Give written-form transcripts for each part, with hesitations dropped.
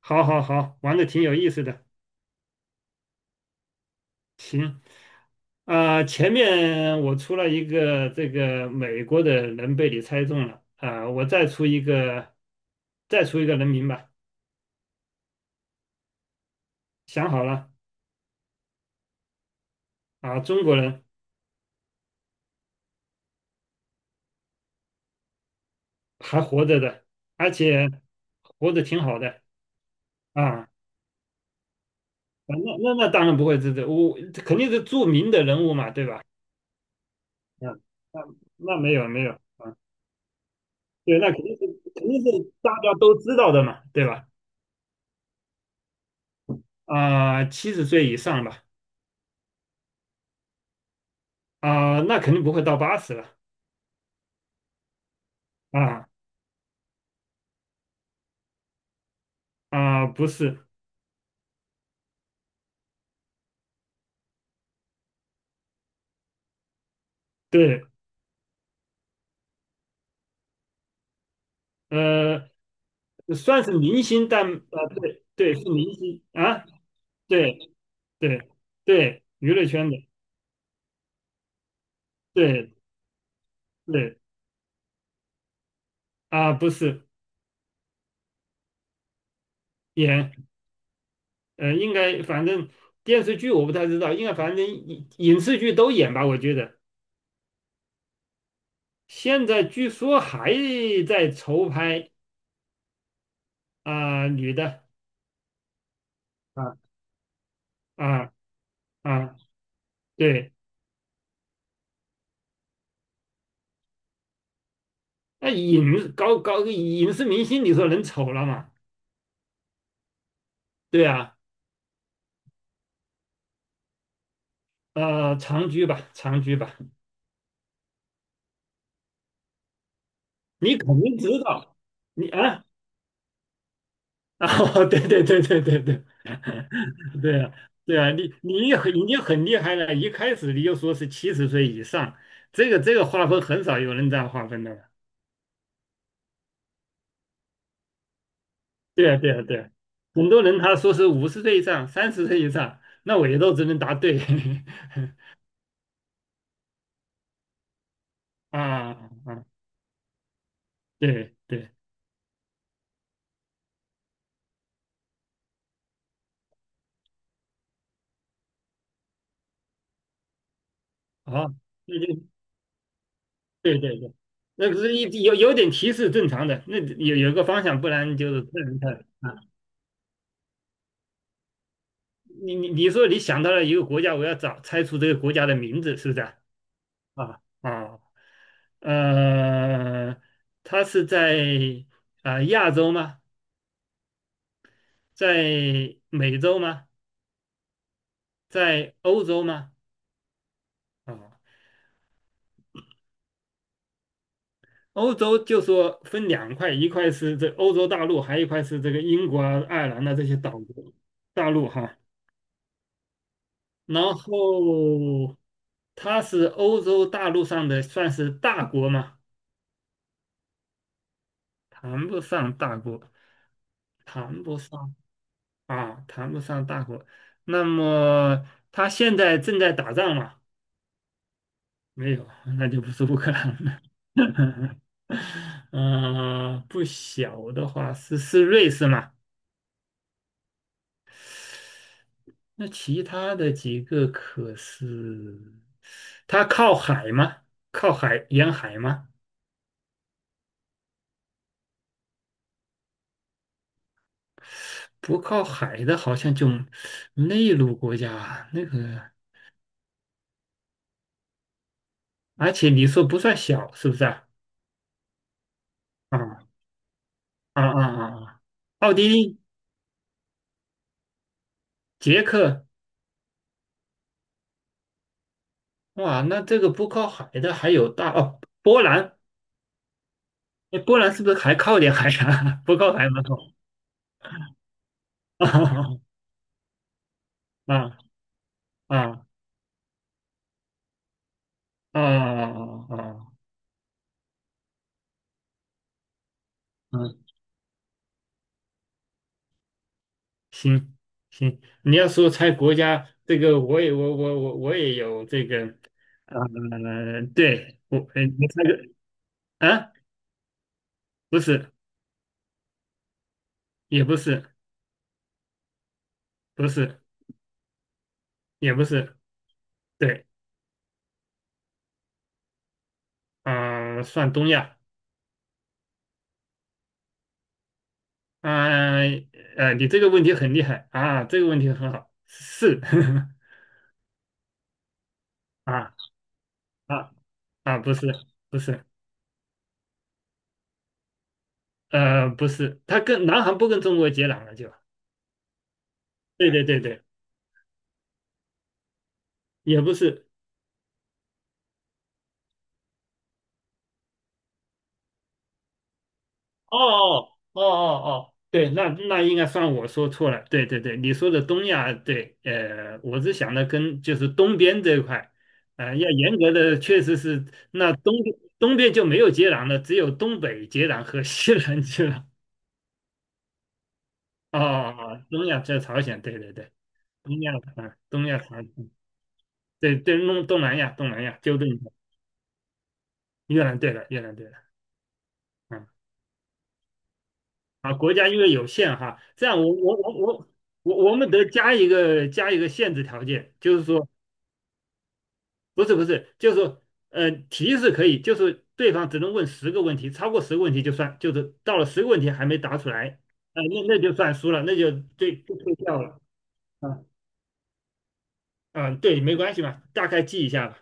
好，好，好，玩的挺有意思的。行，啊、前面我出了一个这个美国的人被你猜中了，啊、我再出一个人名吧。想好了，啊、中国人还活着的，而且活得挺好的啊。那当然不会这，我肯定是著名的人物嘛，对吧？嗯，那那没有没有啊，对，那肯定是大家都知道的嘛，对吧？啊、七十岁以上吧。啊、那肯定不会到80了啊啊、不是，对，呃，算是明星，但啊、对对，是明星啊，对对对，娱乐圈的，对对啊、不是演，应该反正电视剧我不太知道，应该反正影视剧都演吧，我觉得现在据说还在筹拍啊、女的啊啊啊，对，那高高影视明星，你说能丑了吗？对啊，长居吧，长居吧，你肯定知道，你啊啊，对对对对对对对啊，对啊，你很已经很厉害了，一开始你就说是七十岁以上，这个划分很少有人这样划分的了。对啊对啊对啊，很多人他说是50岁以上、30岁以上，那我也都只能答对 啊啊，对对，好，那就对对对，那不是有点提示正常的，那有个方向，不然就是不能看。你说你想到了一个国家，我要猜出这个国家的名字，是不是啊？啊啊，呃，它是在啊、亚洲吗？在美洲吗？在欧洲吗？啊，欧洲就说分两块，一块是这欧洲大陆，还有一块是这个英国啊、爱尔兰的这些岛国大陆哈。然后它是欧洲大陆上的算是大国吗？谈不上大国，谈不上啊，谈不上大国。那么他现在正在打仗吗？没有，那就不是乌克兰了。嗯，不小的话是瑞士嘛？那其他的几个可是，它靠海吗？靠海沿海吗？不靠海的，好像就内陆国家那个，而且你说不算小，是不是啊？啊，啊啊啊！啊奥地利、捷克，哇，那这个不靠海的还有大哦，波兰，哎，波兰是不是还靠点海啊？不靠海吗？啊啊啊啊啊！啊嗯，行行，你要说猜国家，这个我也有这个，呃，对我，你猜个啊？不是，也不是，不是，也不是，对，啊、算东亚。啊，你这个问题很厉害啊，这个问题很好，是 啊啊啊，不是不是，不是，他跟南韩不跟中国接壤了就，对对对对，也不是，哦哦哦哦哦，对，那应该算我说错了，对对对，你说的东亚，对，我是想的跟就是东边这一块，要严格的确实是那东边就没有接壤了，只有东北接壤和西南接壤。哦，哦哦东亚在朝鲜，对对对，东亚啊，东亚朝鲜，对对，东南亚，东南亚，纠正一下，越南对了，越南对了，嗯，啊，国家因为有限哈，这样我们得加一个限制条件，就是说不是不是，就是说提示可以，就是对方只能问十个问题，超过十个问题就算，就是到了十个问题还没答出来，那就算输了，那就对就退票了，啊啊，对，没关系嘛，大概记一下吧，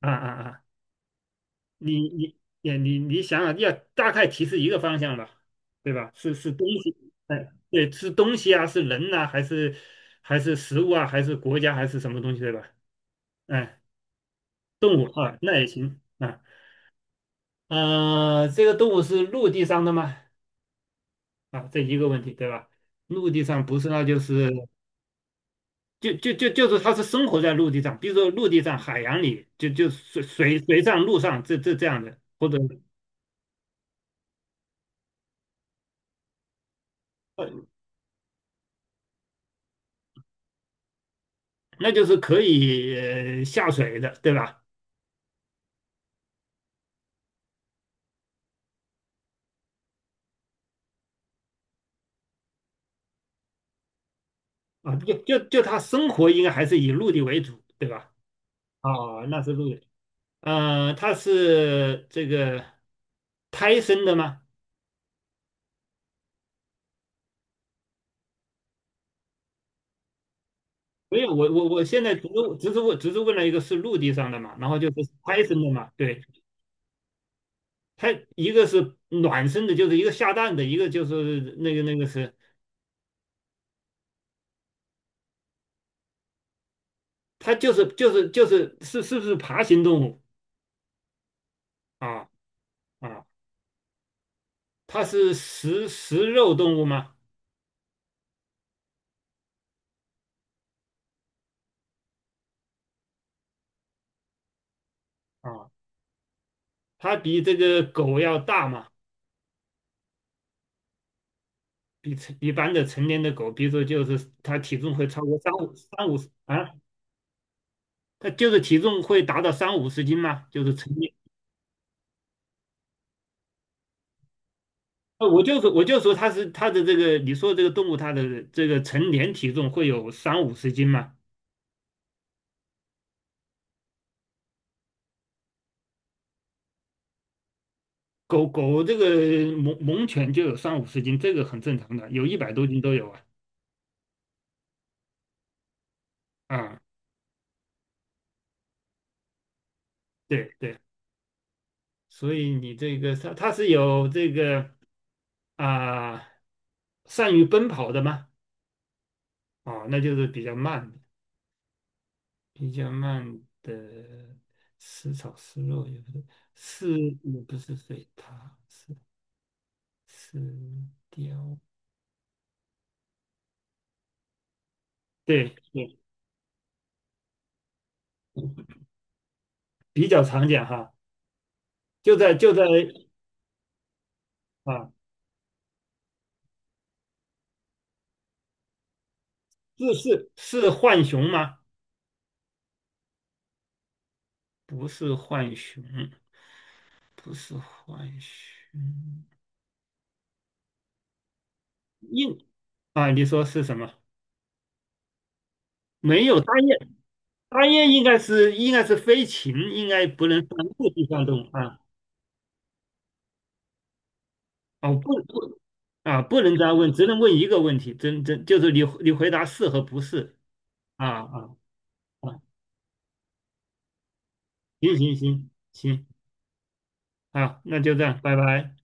啊啊啊。你也想想，要大概提示一个方向吧，对吧？是东西，哎，对，是东西啊，是人呐、还是食物啊，还是国家，还是什么东西，对吧？哎，动物啊，那也行啊。这个动物是陆地上的吗？啊，这一个问题，对吧？陆地上不是，那就是它是生活在陆地上，比如说陆地上、海洋里，就水上、陆上，这样的，或者。那就是可以下水的，对吧？啊，就他生活应该还是以陆地为主，对吧？啊，那是陆地。它是这个胎生的吗？没有，我现在只是问了一个是陆地上的嘛，然后就是胎生的嘛，对，它一个是卵生的，就是一个下蛋的，一个就是那个是它就是是不是爬行动物啊啊？它是食肉动物吗？啊？它比这个狗要大嘛，比成一般的成年的狗，比如说就是它体重会超过三五十啊，它就是体重会达到三五十斤嘛，就是成年。我就说它是它的这个，你说这个动物它的这个成年体重会有三五十斤嘛？狗狗这个猛犬就有三五十斤，这个很正常的，有100多斤都有啊。啊，对对，所以你这个它是有这个啊、善于奔跑的吗？啊，那就是比较慢的，比较慢的食炒食肉也不对，是也不是水獭，是是雕，对对，比较常见哈，就在啊，这是浣熊吗？不是浣熊，不是浣熊，应啊，你说是什么？没有大雁，大雁应该是飞禽，应该不能算陆地上动物啊哦，不啊，不能再问，只能问一个问题，真就是你回答是和不是啊啊啊，行行行行啊，那就这样，拜拜。